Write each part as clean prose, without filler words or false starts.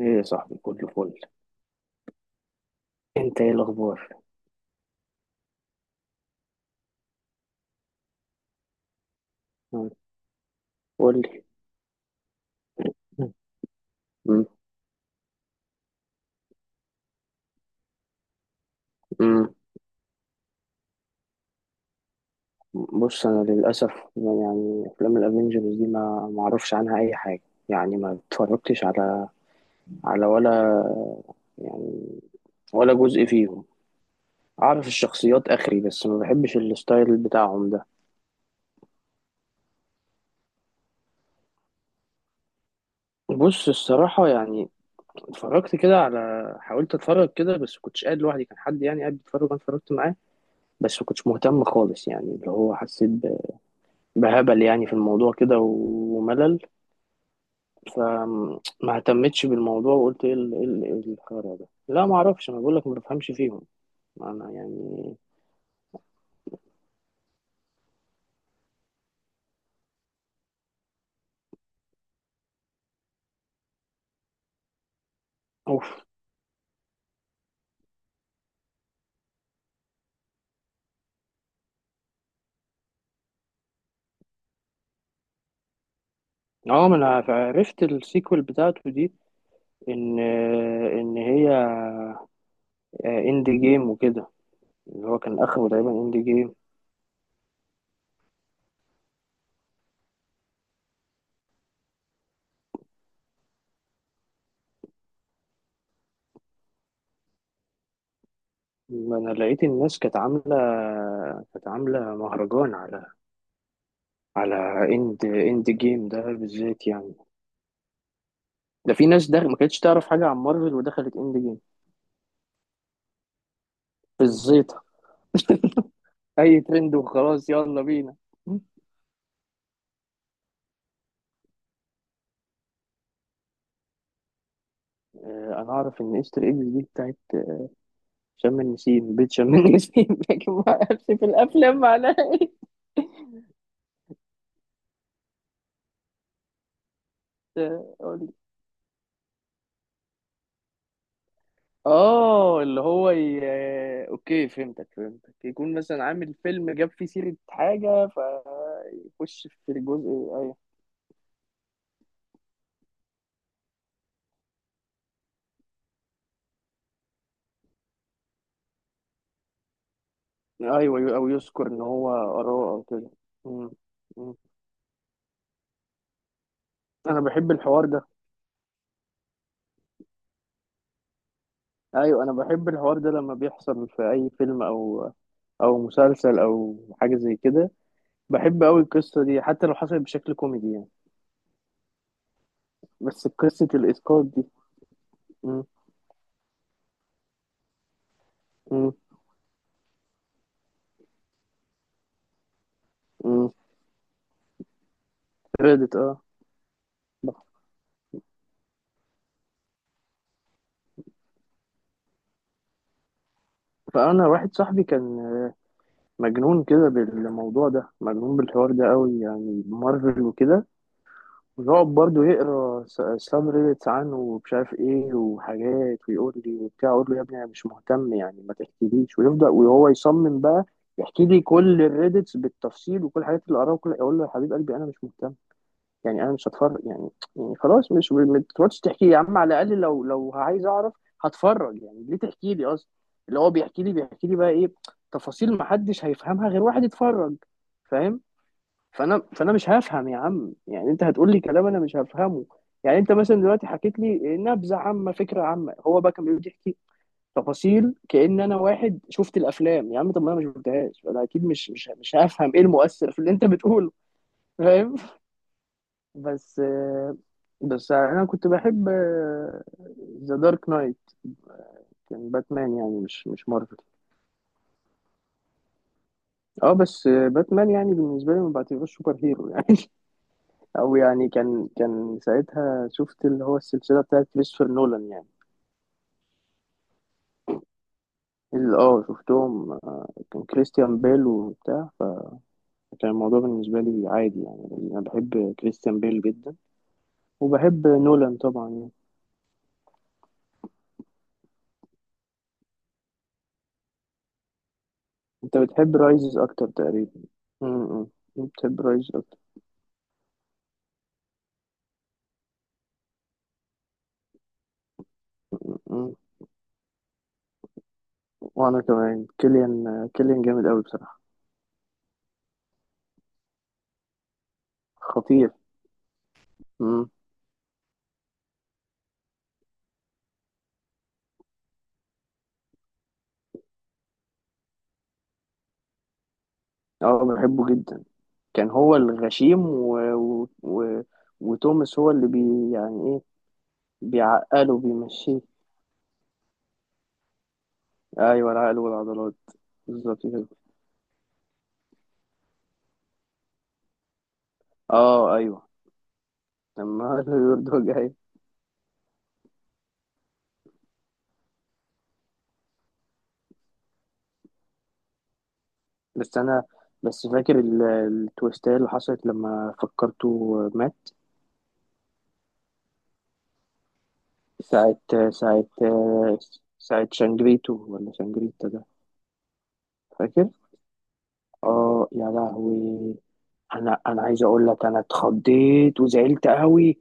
ايه يا صاحبي، كله فل. انت ايه الاخبار؟ مم. قول لي. مم. مم. مم. بص انا للاسف يعني افلام الافينجرز دي ما اعرفش عنها اي حاجه، يعني ما اتفرجتش على ولا يعني، ولا جزء فيهم. اعرف الشخصيات اخري، بس ما بحبش الستايل بتاعهم ده. بص الصراحه يعني اتفرجت كده على حاولت اتفرج كده، بس كنتش قاعد لوحدي، كان حد يعني قاعد بيتفرج وانا اتفرجت معاه. بس ما كنتش مهتم خالص، يعني اللي هو حسيت بهبل يعني في الموضوع كده وملل. فما اهتمتش بالموضوع وقلت ايه ال- إيه ال- إيه الخرا ده. لا ما اعرفش، انا بقول لك ما بفهمش فيهم. انا يعني. اوف. اه، ما انا عرفت السيكوال بتاعته دي ان ان هي اند جيم وكده. اللي هو كان اخره تقريبا اند جيم. ما انا لقيت الناس كانت عامله مهرجان على اند جيم ده بالذات، يعني ده في ناس ده ما كانتش تعرف حاجه عن مارفل ودخلت اند جيم بالزيطة. اي ترند وخلاص، يلا بينا. انا اعرف ان قشطة اكس دي بتاعت شم النسيم بيت شم النسيم. لكن ما اعرفش في الافلام معناها. إيه. قول لي. اه، اللي هو ي... آه، اوكي، فهمتك فهمتك. يكون مثلا عامل فيلم جاب فيه سيرة حاجة فيخش في الجزء. ايوه، ايوه. او يذكر ان هو قراه او كده. مم. مم. انا بحب الحوار ده. ايوه، انا بحب الحوار ده لما بيحصل في اي فيلم او مسلسل او حاجه زي كده. بحب قوي القصه دي حتى لو حصلت بشكل كوميدي يعني. بس قصه الاسقاط دي. م- م- م. ريدت، اه. فانا واحد صاحبي كان مجنون كده بالموضوع ده، مجنون بالحوار ده قوي يعني مارفل وكده. ويقعد برضه يقرا ساب ريدتس عنه ومش عارف ايه وحاجات، ويقول لي وبتاع، اقول له يا ابني انا مش مهتم يعني ما تحكيليش، ويبدا وهو يصمم بقى يحكي لي كل الريدتس بالتفصيل وكل الحاجات اللي قراها، وكل اقول له يا حبيب قلبي انا مش مهتم. يعني انا مش هتفرج يعني، يعني خلاص مش، ما تقعدش تحكي لي يا عم، على الاقل لو عايز اعرف هتفرج، يعني ليه تحكي لي اصلا؟ اللي هو بيحكي لي بقى ايه، تفاصيل ما حدش هيفهمها غير واحد يتفرج. فاهم؟ فانا مش هفهم يا عم، يعني انت هتقول لي كلام انا مش هفهمه. يعني انت مثلا دلوقتي حكيت لي نبذه عامه، فكره عامه، هو بقى كان بيقعد يحكي تفاصيل كأن انا واحد شفت الافلام يا عم. طب ما انا ما شفتهاش، فانا اكيد مش هفهم ايه المؤثر في اللي انت بتقوله. فاهم. بس بس انا كنت بحب ذا دارك نايت. كان باتمان يعني، مش مارفل. اه بس باتمان يعني بالنسبه لي ما بعتبروش سوبر هيرو يعني. او يعني كان ساعتها شفت اللي هو السلسله بتاعت كريستوفر نولان يعني. اللي شفتهم. كان كريستيان بيل وبتاع. كان الموضوع بالنسبه لي عادي يعني، انا بحب كريستيان بيل جدا. وبحب نولان طبعا يعني. انت بتحب رايزز اكتر تقريبا؟ م- م. بتحب رايزز اكتر. وانا كمان، كيليان كيليان جامد قوي بصراحه. خطير. امم. اه، بحبه جدا. كان هو الغشيم. وتوماس هو اللي يعني ايه، بيعقله بيمشيه. ايوه، العقل والعضلات. بالظبط كده. اه، ايوه، لما يرضى جاي. بس انا، بس فاكر التويستات اللي حصلت لما فكرته مات. ساعة ساعة ساعة شانجريتو ولا شانجريتا ده. فاكر؟ اه يا لهوي. انا عايز اقول لك، انا اتخضيت وزعلت قوي.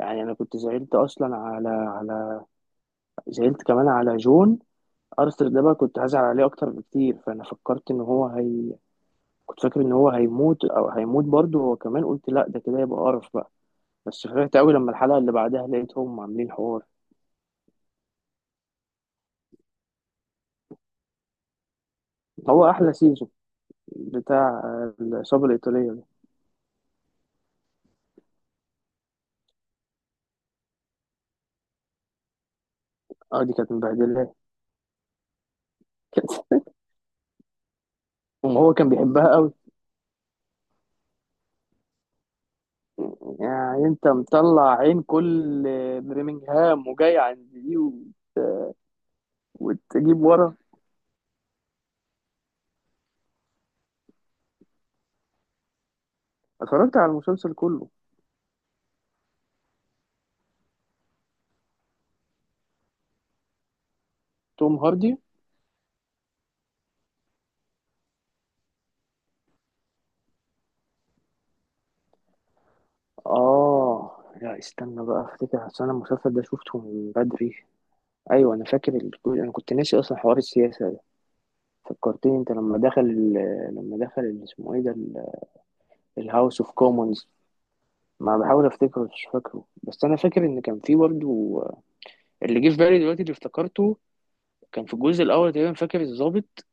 يعني انا كنت زعلت اصلا على زعلت كمان على جون. ارثر ده بقى كنت هزعل عليه اكتر بكتير، فانا فكرت ان هو هي، كنت فاكر ان هو هيموت او هيموت برضه هو كمان، قلت لا ده كده يبقى قرف بقى. بس فرحت قوي لما الحلقه اللي بعدها لقيتهم عاملين حوار. هو احلى سيزون، بتاع العصابه الايطاليه ده. اه دي كانت مبهدله. كانت- وهو كان بيحبها قوي. يعني انت مطلع عين كل برمنجهام وجاي عند دي. وتجيب ورا. اتفرجت على المسلسل كله. توم هاردي. اه لا، استنى بقى افتكر، اصل انا المسلسل ده شفته من بدري. ايوه، انا فاكر انا كنت ناسي اصلا حوار السياسه ده. فكرتني انت لما دخل ال- اسمه ايه ده؟ الهاوس اوف كومونز. ما بحاول افتكره مش فاكره، بس انا فاكر ان كان في برضه، اللي جه في بالي دلوقتي اللي افتكرته، كان في الجزء الاول تقريبا، فاكر الضابط؟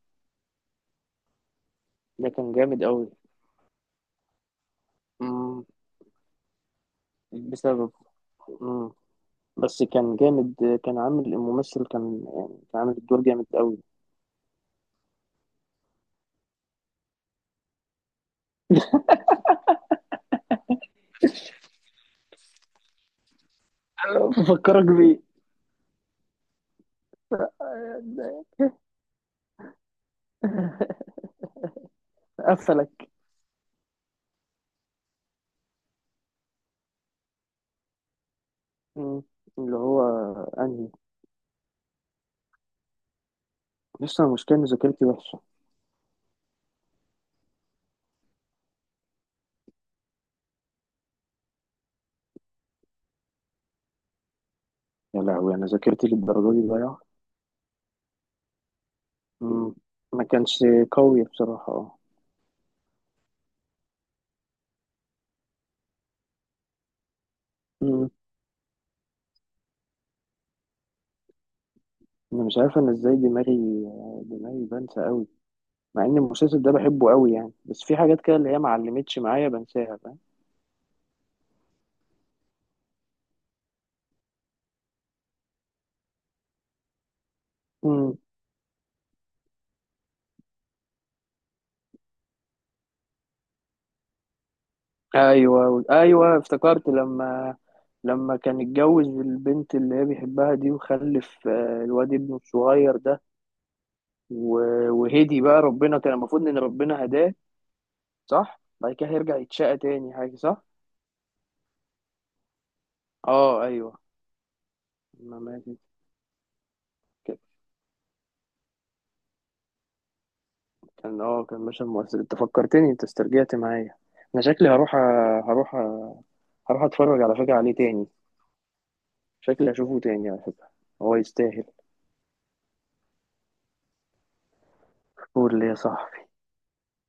ده كان جامد قوي. مم. بسبب. مم. بس كان جامد، كان عامل الممثل كان يعني كان عامل الدور جامد قوي. أنا بفكرك بيه. قفلك. مم. اللي هو انهي؟ لسه المشكله ان ذاكرتي وحشه. يا لهوي، انا ذاكرتي للدرجه دي ضايعه. مم. ما كانش قوي بصراحه، اه. مم. انا مش عارف انا ازاي دماغي. دماغي بنسى قوي، مع ان المسلسل ده بحبه قوي يعني، بس في حاجات كده اللي هي ما علمتش معايا بنساها. فاهم. ايوه، ايوه افتكرت لما كان اتجوز البنت اللي هي بيحبها دي، وخلف الواد ابنه الصغير ده. وهدي بقى ربنا، كان المفروض ان ربنا هداه، صح؟ بعد كده هيرجع يتشقى تاني حاجه، صح؟ اه ايوه. ما ماتت. ك- كان مشهد مؤثر. انت فكرتني، انت استرجعت معايا. انا شكلي هروح أ- هروح اتفرج على فكره عليه تاني. شكلي هشوفه تاني على فكره. هو يستاهل. قول لي يا صاحبي.